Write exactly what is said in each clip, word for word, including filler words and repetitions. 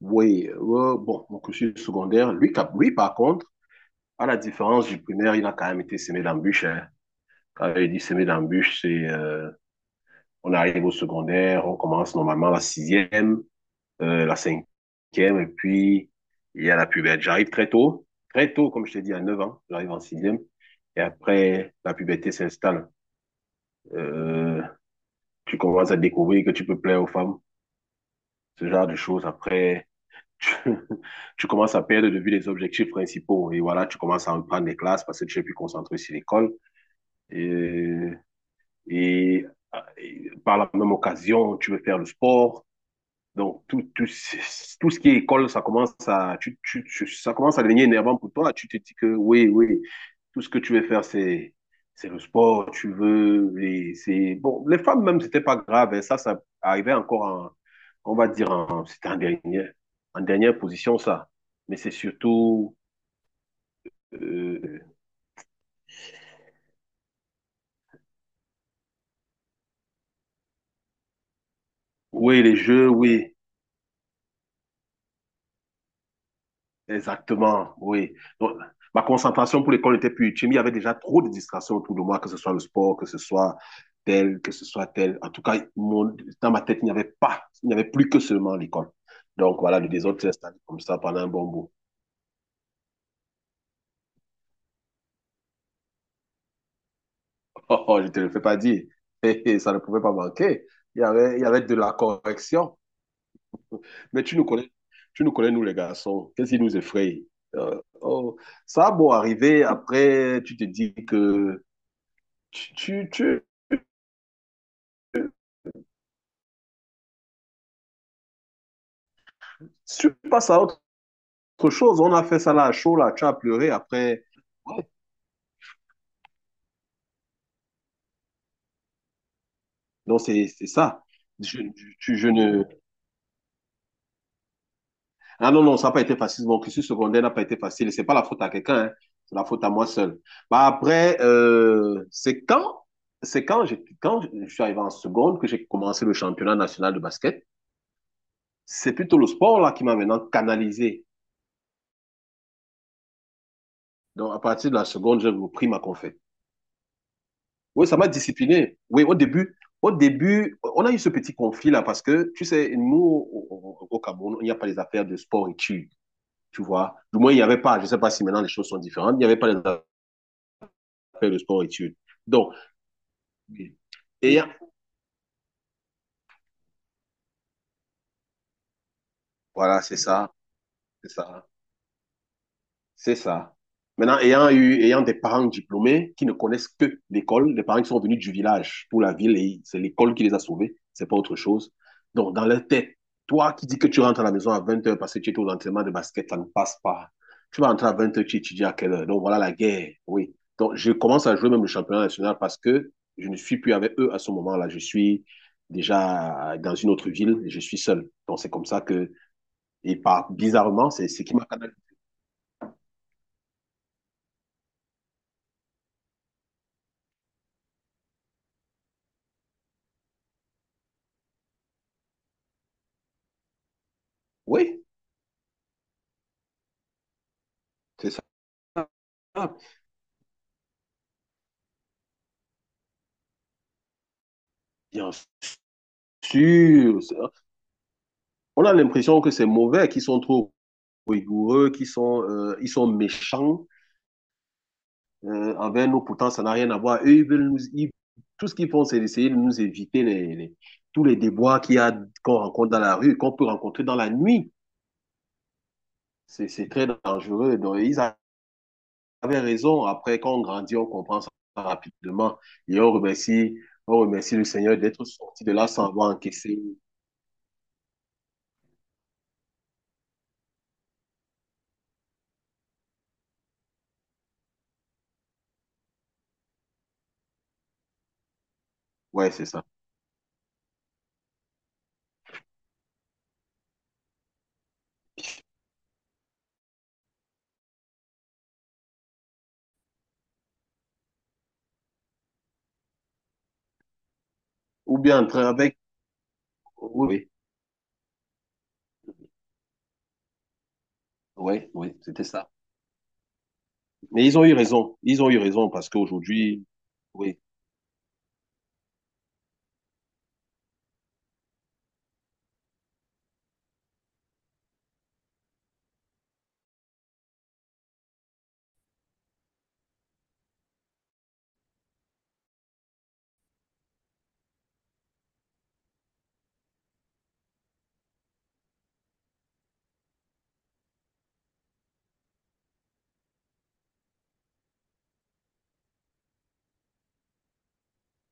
Oui, euh, bon, mon cursus secondaire, lui, cap- lui, par contre, à la différence du primaire, il a quand même été semé d'embûches, hein. Quand il dit semé d'embûches, c'est euh, on arrive au secondaire, on commence normalement la sixième, euh, la cinquième, et puis il y a la puberté. J'arrive très tôt, très tôt, comme je t'ai dit, à neuf ans, j'arrive en sixième, et après, la puberté s'installe. Euh, Tu commences à découvrir que tu peux plaire aux femmes, ce genre de choses. Après, tu, tu commences à perdre de vue les objectifs principaux. Et voilà, tu commences à reprendre les classes parce que tu es plus concentré sur l'école. Et, et, et par la même occasion, tu veux faire le sport. Donc, tout, tout, tout ce qui est école, ça commence à, tu, tu, tu- ça commence à devenir énervant pour toi. Tu te dis que oui, oui, tout ce que tu veux faire, c'est, c'est le sport, tu veux, les- c'est, bon, les femmes même, c'était pas grave, hein. Ça, ça arrivait encore en, on va dire, en, c'était en dernière, en dernière position, ça. Mais c'est surtout, euh, oui, les jeux, oui. Exactement, oui. Donc, ma concentration pour l'école n'était plus utile, mais il y avait déjà trop de distractions autour de moi, que ce soit le sport, que ce soit tel, que ce soit tel. En tout cas, mon- dans ma tête, il n'y avait pas, il n'y avait plus que seulement l'école. Donc voilà, le désordre s'est installé comme ça pendant un bon bout. Oh, oh, je ne te le fais pas dire. Hé, hé, ça ne pouvait pas manquer. Il y avait, il y avait de la correction. Mais tu nous connais, tu nous connais, nous les garçons. Qu'est-ce qui nous effraie? Euh, oh, ça a beau arriver, après, tu te dis que tu, tu, tu- si tu passes à autre chose, on a fait ça là à chaud, là, tu as pleuré après. Ouais, non, c'est c'est ça. Je, je, je ne. Ah non, non, ça n'a pas été facile. Mon cursus secondaire n'a pas été facile. Et ce n'est pas la faute à quelqu'un, hein. C'est la faute à moi seul. Bah, après, euh, c'est quand, c'est quand, j'ai- quand je suis arrivé en seconde que j'ai commencé le championnat national de basket. C'est plutôt le sport là qui m'a maintenant canalisé. Donc, à partir de la seconde, j'ai repris ma conférence. Oui, ça m'a discipliné. Oui, au début, au début, on a eu ce petit conflit-là parce que, tu sais, nous, au, au- au Cameroun, il n'y a pas les affaires de sport-études, tu vois. Du moins, il n'y avait pas. Je ne sais pas si maintenant les choses sont différentes. Il n'y avait pas les affaires de sport-études. Donc, oui. et il y a- voilà, c'est ça, c'est ça. C'est ça. Maintenant, ayant eu, ayant des parents diplômés qui ne connaissent que l'école, des parents qui sont venus du village pour la ville et c'est l'école qui les a sauvés, c'est pas autre chose. Donc, dans leur tête, toi qui dis que tu rentres à la maison à vingt heures parce que tu étais aux entraînements de basket, ça ne passe pas. Tu vas rentrer à vingt heures, tu étudies à quelle heure? Donc, voilà la guerre. Oui. Donc, je commence à jouer même le championnat national parce que je ne suis plus avec eux à ce moment-là. Je suis déjà dans une autre ville et je suis seul. Donc, c'est comme ça que, et par, bizarrement, c'est ce qui m'a canalisé. Oui, c'est ça. Bien sûr. On a l'impression que c'est mauvais, qu'ils sont trop rigoureux, qu'ils sont, euh, ils sont méchants euh, envers nous. Pourtant, ça n'a rien à voir. Eux, ils veulent nous, ils- tout ce qu'ils font, c'est d'essayer de nous éviter les, les- tous les déboires qu'il y a, qu'on rencontre dans la rue, qu'on peut rencontrer dans la nuit. C'est, c'est très dangereux. Donc, ils avaient raison. Après, quand on grandit, on comprend ça rapidement. Et on remercie, on remercie le Seigneur d'être sorti de là sans avoir encaissé. Ouais, c'est ça. Ou bien entrer avec. Oui. Oui, oui, c'était ça. Mais ils ont eu raison. Ils ont eu raison parce qu'aujourd'hui, oui,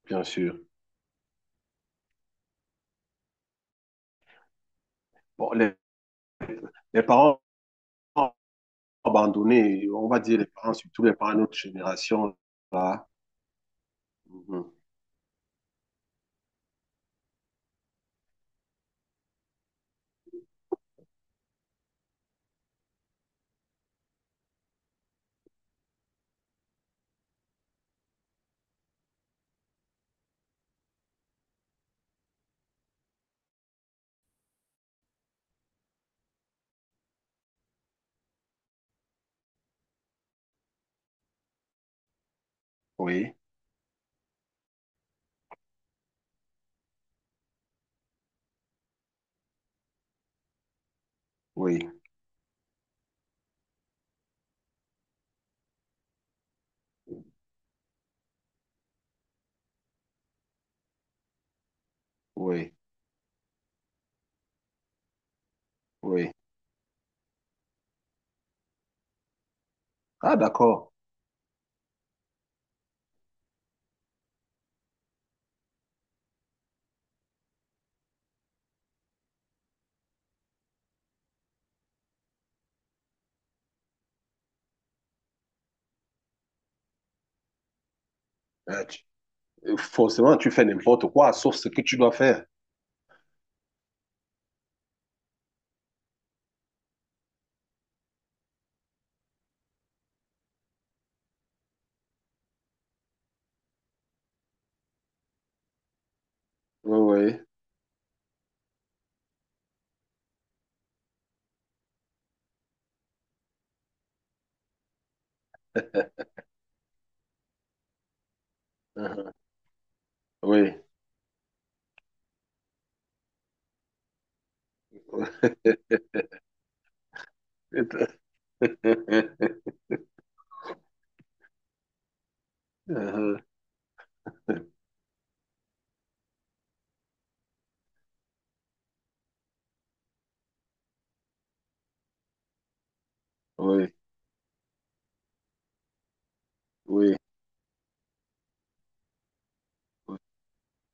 bien sûr. Bon, les, les parents abandonnés, on va dire les parents, surtout les parents de notre génération, là. Mhm. Oui, oui, oui, oui. Ah, d'accord. Euh, tu- euh, Forcément, tu fais n'importe quoi, sauf ce que tu dois faire. Oui, oui, Uhum. Oui. Uhum. Oui, oui,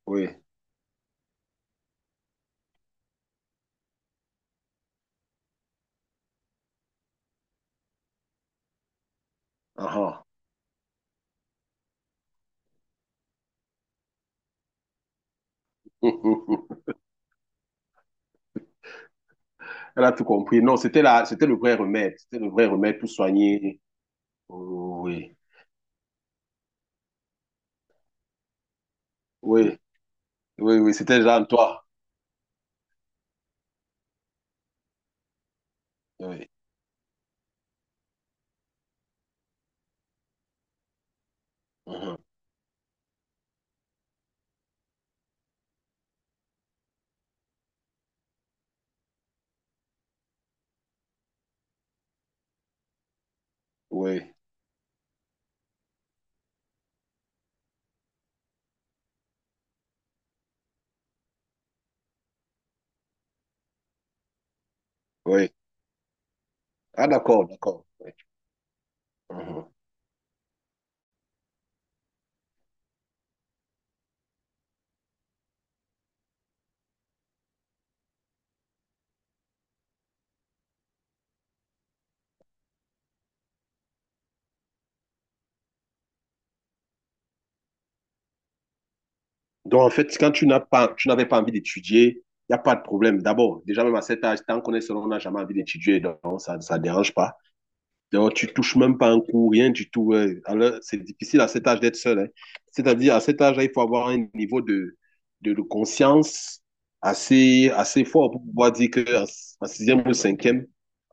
oui. Ah, Uhum. Elle a tout compris. Non, c'était la, c'était le vrai remède. C'était le vrai remède pour soigner. Oui, oui, oui, oui. C'était Jean, toi. Oui, Uhum. Oui, oui. Ah, d'accord, d'accord. Oui. Uhum. Donc, en fait, quand tu n'as pas, tu n'avais pas envie d'étudier, il n'y a pas de problème. D'abord, déjà, même à cet âge, tant qu'on est seul, on n'a jamais envie d'étudier, donc ça ne dérange pas. Donc, tu touches même pas un coup, rien du tout. Ouais. Alors, c'est difficile à cet âge d'être seul, hein. C'est-à-dire, à cet âge-là, il faut avoir un niveau de, de, de conscience assez, assez fort pour pouvoir dire que en en sixième ou cinquième,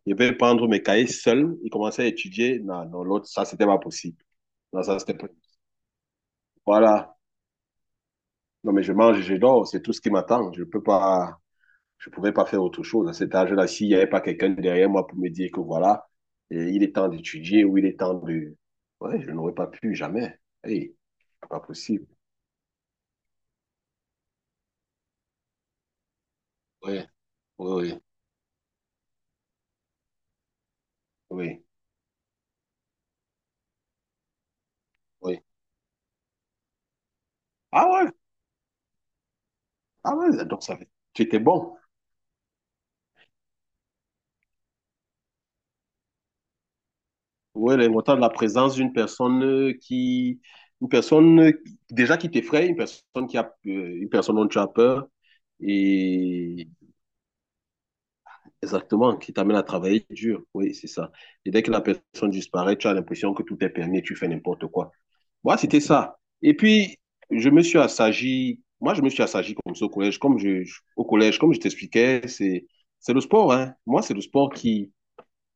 je vais prendre mes cahiers seul et commencer à étudier. Non, non, l'autre, ça, c'était pas possible. Non, ça, c'était pas... Voilà. Non, mais je mange, je dors, c'est tout ce qui m'attend. Je peux pas. Je ne pouvais pas faire autre chose. À cet âge-là, s'il n'y avait pas quelqu'un derrière moi pour me dire que voilà, il est temps d'étudier ou il est temps de... Ouais, je n'aurais pas pu, jamais. Hey, c'est pas possible. Oui, oui, oui, oui. Ah ouais, ah ouais, donc ça fait... Tu étais bon. Oui, l'importance de la présence d'une personne euh, qui... Une personne euh, déjà qui t'effraie, une personne qui a... euh, une personne dont tu as peur et exactement, qui t'amène à travailler dur. Oui, c'est ça. Et dès que la personne disparaît, tu as l'impression que tout est permis et tu fais n'importe quoi. Moi, c'était ça. Et puis, je me suis assagi. Moi, je me suis assagi comme ça au collège. Comme je, je- au collège, comme je t'expliquais, c'est, c'est le sport, hein. Moi, c'est le sport qui,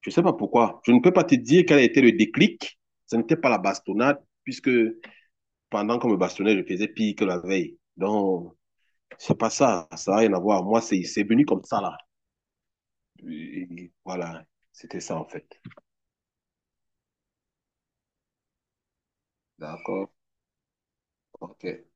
je sais pas pourquoi. Je ne peux pas te dire quel a été le déclic. Ce n'était pas la bastonnade, puisque pendant qu'on me bastonnait, je faisais pire que la veille. Donc, c'est pas ça. Ça n'a rien à voir. Moi, c'est, c'est venu comme ça, là. Et voilà, c'était ça en fait. D'accord, ok.